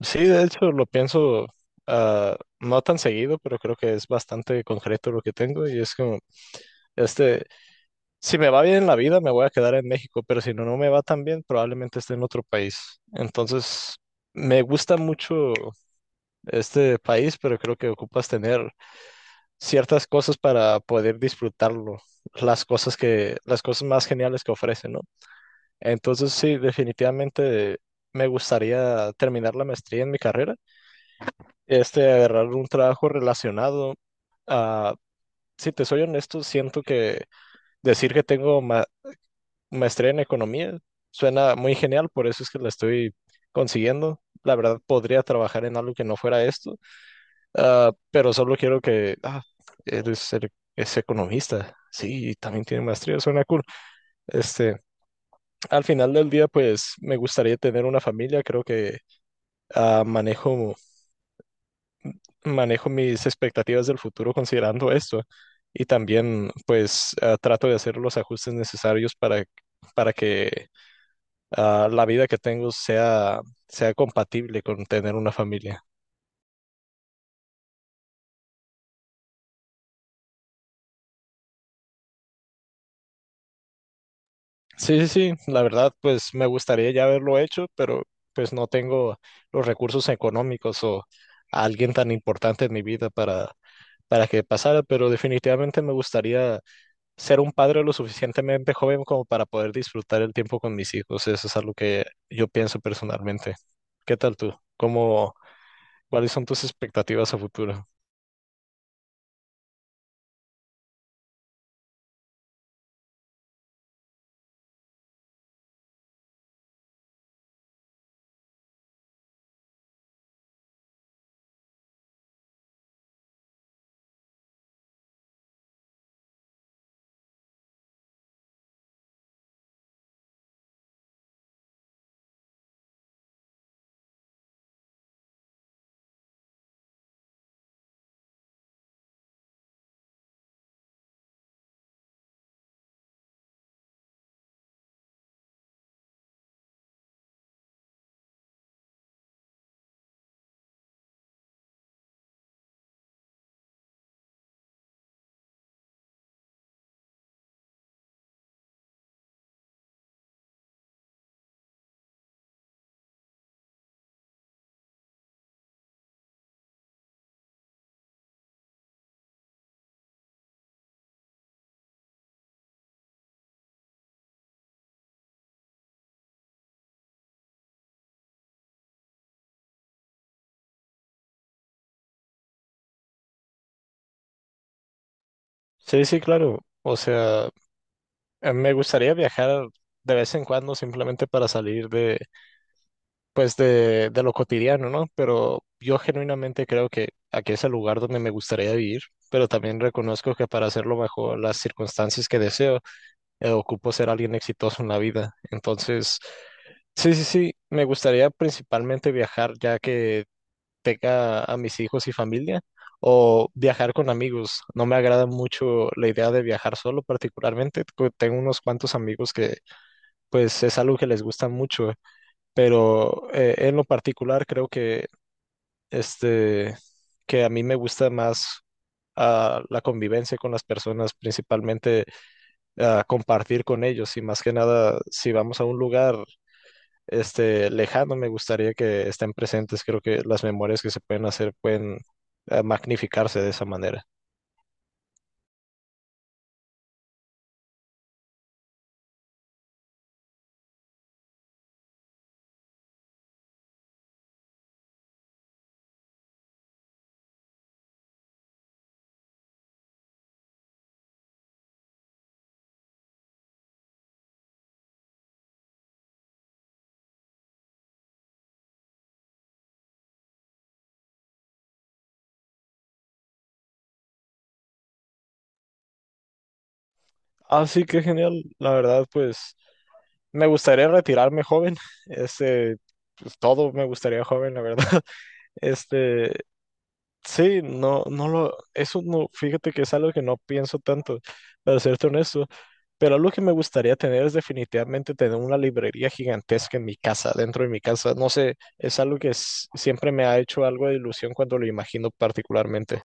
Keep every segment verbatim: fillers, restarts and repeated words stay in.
Sí, de hecho lo pienso ah, no tan seguido, pero creo que es bastante concreto lo que tengo y es como, este, si me va bien en la vida me voy a quedar en México, pero si no, no me va tan bien, probablemente esté en otro país. Entonces, me gusta mucho este país, pero creo que ocupas tener ciertas cosas para poder disfrutarlo, las cosas que, las cosas más geniales que ofrece, ¿no? Entonces, sí, definitivamente me gustaría terminar la maestría en mi carrera, este, agarrar un trabajo relacionado. A Si te soy honesto, siento que decir que tengo ma- maestría en economía suena muy genial, por eso es que la estoy consiguiendo. La verdad, podría trabajar en algo que no fuera esto, ah, pero solo quiero que, ah, eres, er- es economista. Sí, y también tiene maestría, suena cool. Este, Al final del día, pues me gustaría tener una familia, creo que ah, manejo. manejo mis expectativas del futuro considerando esto y también pues ah, trato de hacer los ajustes necesarios para, para que ah, la vida que tengo sea, sea compatible con tener una familia. Sí, sí, sí, la verdad pues me gustaría ya haberlo hecho, pero pues no tengo los recursos económicos o a alguien tan importante en mi vida para, para que pasara, pero definitivamente me gustaría ser un padre lo suficientemente joven como para poder disfrutar el tiempo con mis hijos. Eso es algo que yo pienso personalmente. ¿Qué tal tú? ¿Cómo, cuáles son tus expectativas a futuro? Sí, sí, claro. O sea, eh, me gustaría viajar de vez en cuando simplemente para salir de, pues de, de lo cotidiano, ¿no? Pero yo genuinamente creo que aquí es el lugar donde me gustaría vivir, pero también reconozco que para hacerlo bajo las circunstancias que deseo, eh, ocupo ser alguien exitoso en la vida. Entonces, sí, sí, sí, me gustaría principalmente viajar ya que tenga a mis hijos y familia o viajar con amigos. No me agrada mucho la idea de viajar solo particularmente. co- Tengo unos cuantos amigos que pues es algo que les gusta mucho, pero eh, en lo particular creo que este que a mí me gusta más ah, la convivencia con las personas, principalmente a compartir con ellos y más que nada, si vamos a un lugar este lejano, me gustaría que estén presentes. Creo que las memorias que se pueden hacer pueden eh, magnificarse de esa manera. Ah, sí, qué genial. La verdad, pues me gustaría retirarme joven. Este, pues, todo me gustaría joven, la verdad. Este, Sí, no, no lo, eso no, fíjate que es algo que no pienso tanto, para serte honesto, pero algo que me gustaría tener es definitivamente tener una librería gigantesca en mi casa, dentro de mi casa, no sé, es algo que s- siempre me ha hecho algo de ilusión cuando lo imagino particularmente.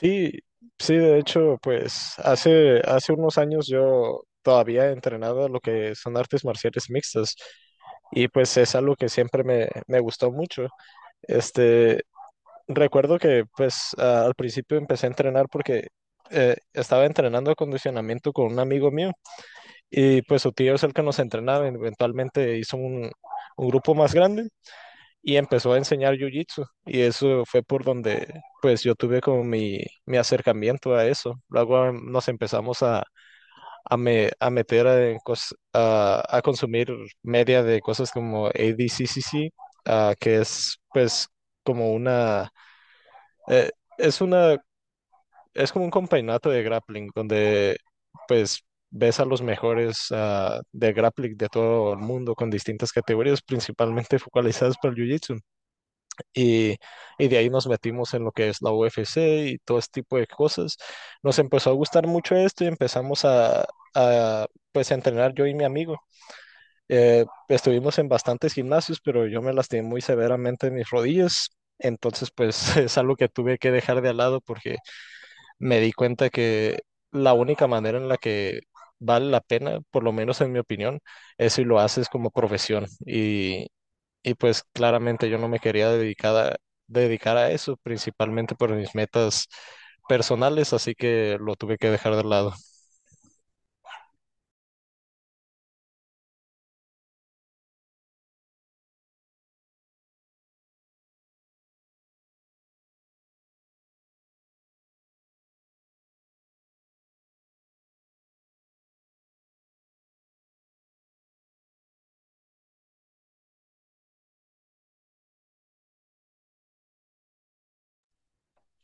Sí, sí, de hecho, pues hace, hace unos años yo todavía entrenaba lo que son artes marciales mixtas y pues es algo que siempre me, me gustó mucho. Este, Recuerdo que pues a- al principio empecé a entrenar porque eh, estaba entrenando acondicionamiento con un amigo mío y pues su tío es el que nos entrenaba, eventualmente hizo un, un grupo más grande y empezó a enseñar jiu-jitsu y eso fue por donde pues yo tuve como mi, mi acercamiento a eso. Luego em, nos empezamos a, a, me- a meter en cos- a, a consumir media de cosas como A D C C C, ah, que es pues como una... eh, es una es como un campeonato de grappling donde pues ves a los mejores ah, de grappling de todo el mundo con distintas categorías, principalmente focalizadas por el Jiu-Jitsu. Y, y de ahí nos metimos en lo que es la U F C y todo este tipo de cosas. Nos empezó a gustar mucho esto y empezamos a, a, pues a entrenar yo y mi amigo. Eh, estuvimos en bastantes gimnasios, pero yo me lastimé muy severamente mis rodillas. Entonces, pues es algo que tuve que dejar de lado porque me di cuenta que la única manera en la que vale la pena, por lo menos en mi opinión, es si lo haces como profesión. Y, y pues claramente yo no me quería dedicar a, dedicar a eso, principalmente por mis metas personales, así que lo tuve que dejar de lado.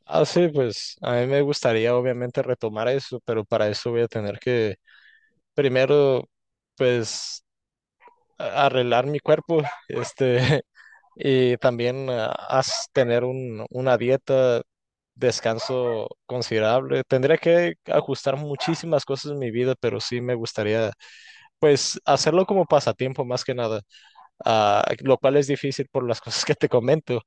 Ah, sí, pues a mí me gustaría obviamente retomar eso, pero para eso voy a tener que primero, pues, a- arreglar mi cuerpo, este, y también ah, as- tener un, una dieta, descanso considerable. Tendría que ajustar muchísimas cosas en mi vida, pero sí me gustaría, pues, hacerlo como pasatiempo más que nada, ah, lo cual es difícil por las cosas que te comento.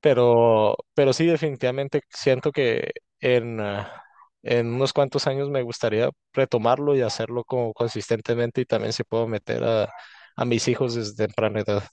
Pero, pero sí, definitivamente siento que en, ah, en unos cuantos años me gustaría retomarlo y hacerlo como consistentemente y también si puedo meter a, a mis hijos desde temprana edad.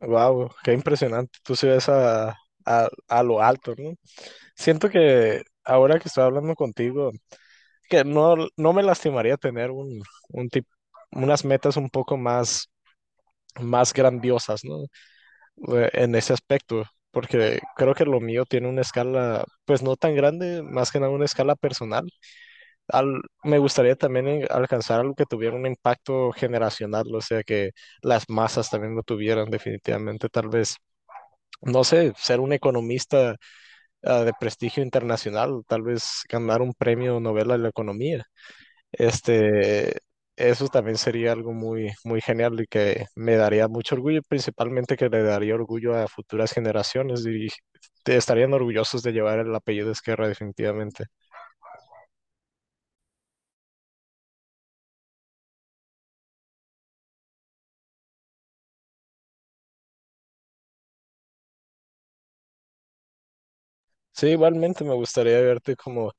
Wow, qué impresionante. Tú se ves a, a, a lo alto, ¿no? Siento que ahora que estoy hablando contigo, que no, no me lastimaría tener un, un tip- unas metas un poco más, más grandiosas, ¿no? Eh, en ese aspecto, porque creo que lo mío tiene una escala, pues no tan grande, más que nada una escala personal. Al, me gustaría también en- alcanzar algo que tuviera un impacto generacional, o sea, que las masas también lo tuvieran definitivamente, tal vez. No sé, ser un economista, ah, de prestigio internacional, tal vez ganar un premio Nobel a la economía. Este, Eso también sería algo muy, muy genial y que me daría mucho orgullo, principalmente que le daría orgullo a futuras generaciones y te- estarían orgullosos de llevar el apellido de Esquerra definitivamente. Sí, igualmente me gustaría verte como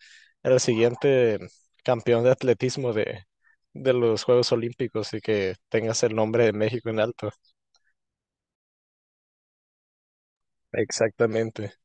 el siguiente campeón de atletismo de, de los Juegos Olímpicos y que tengas el nombre de México en alto. Exactamente.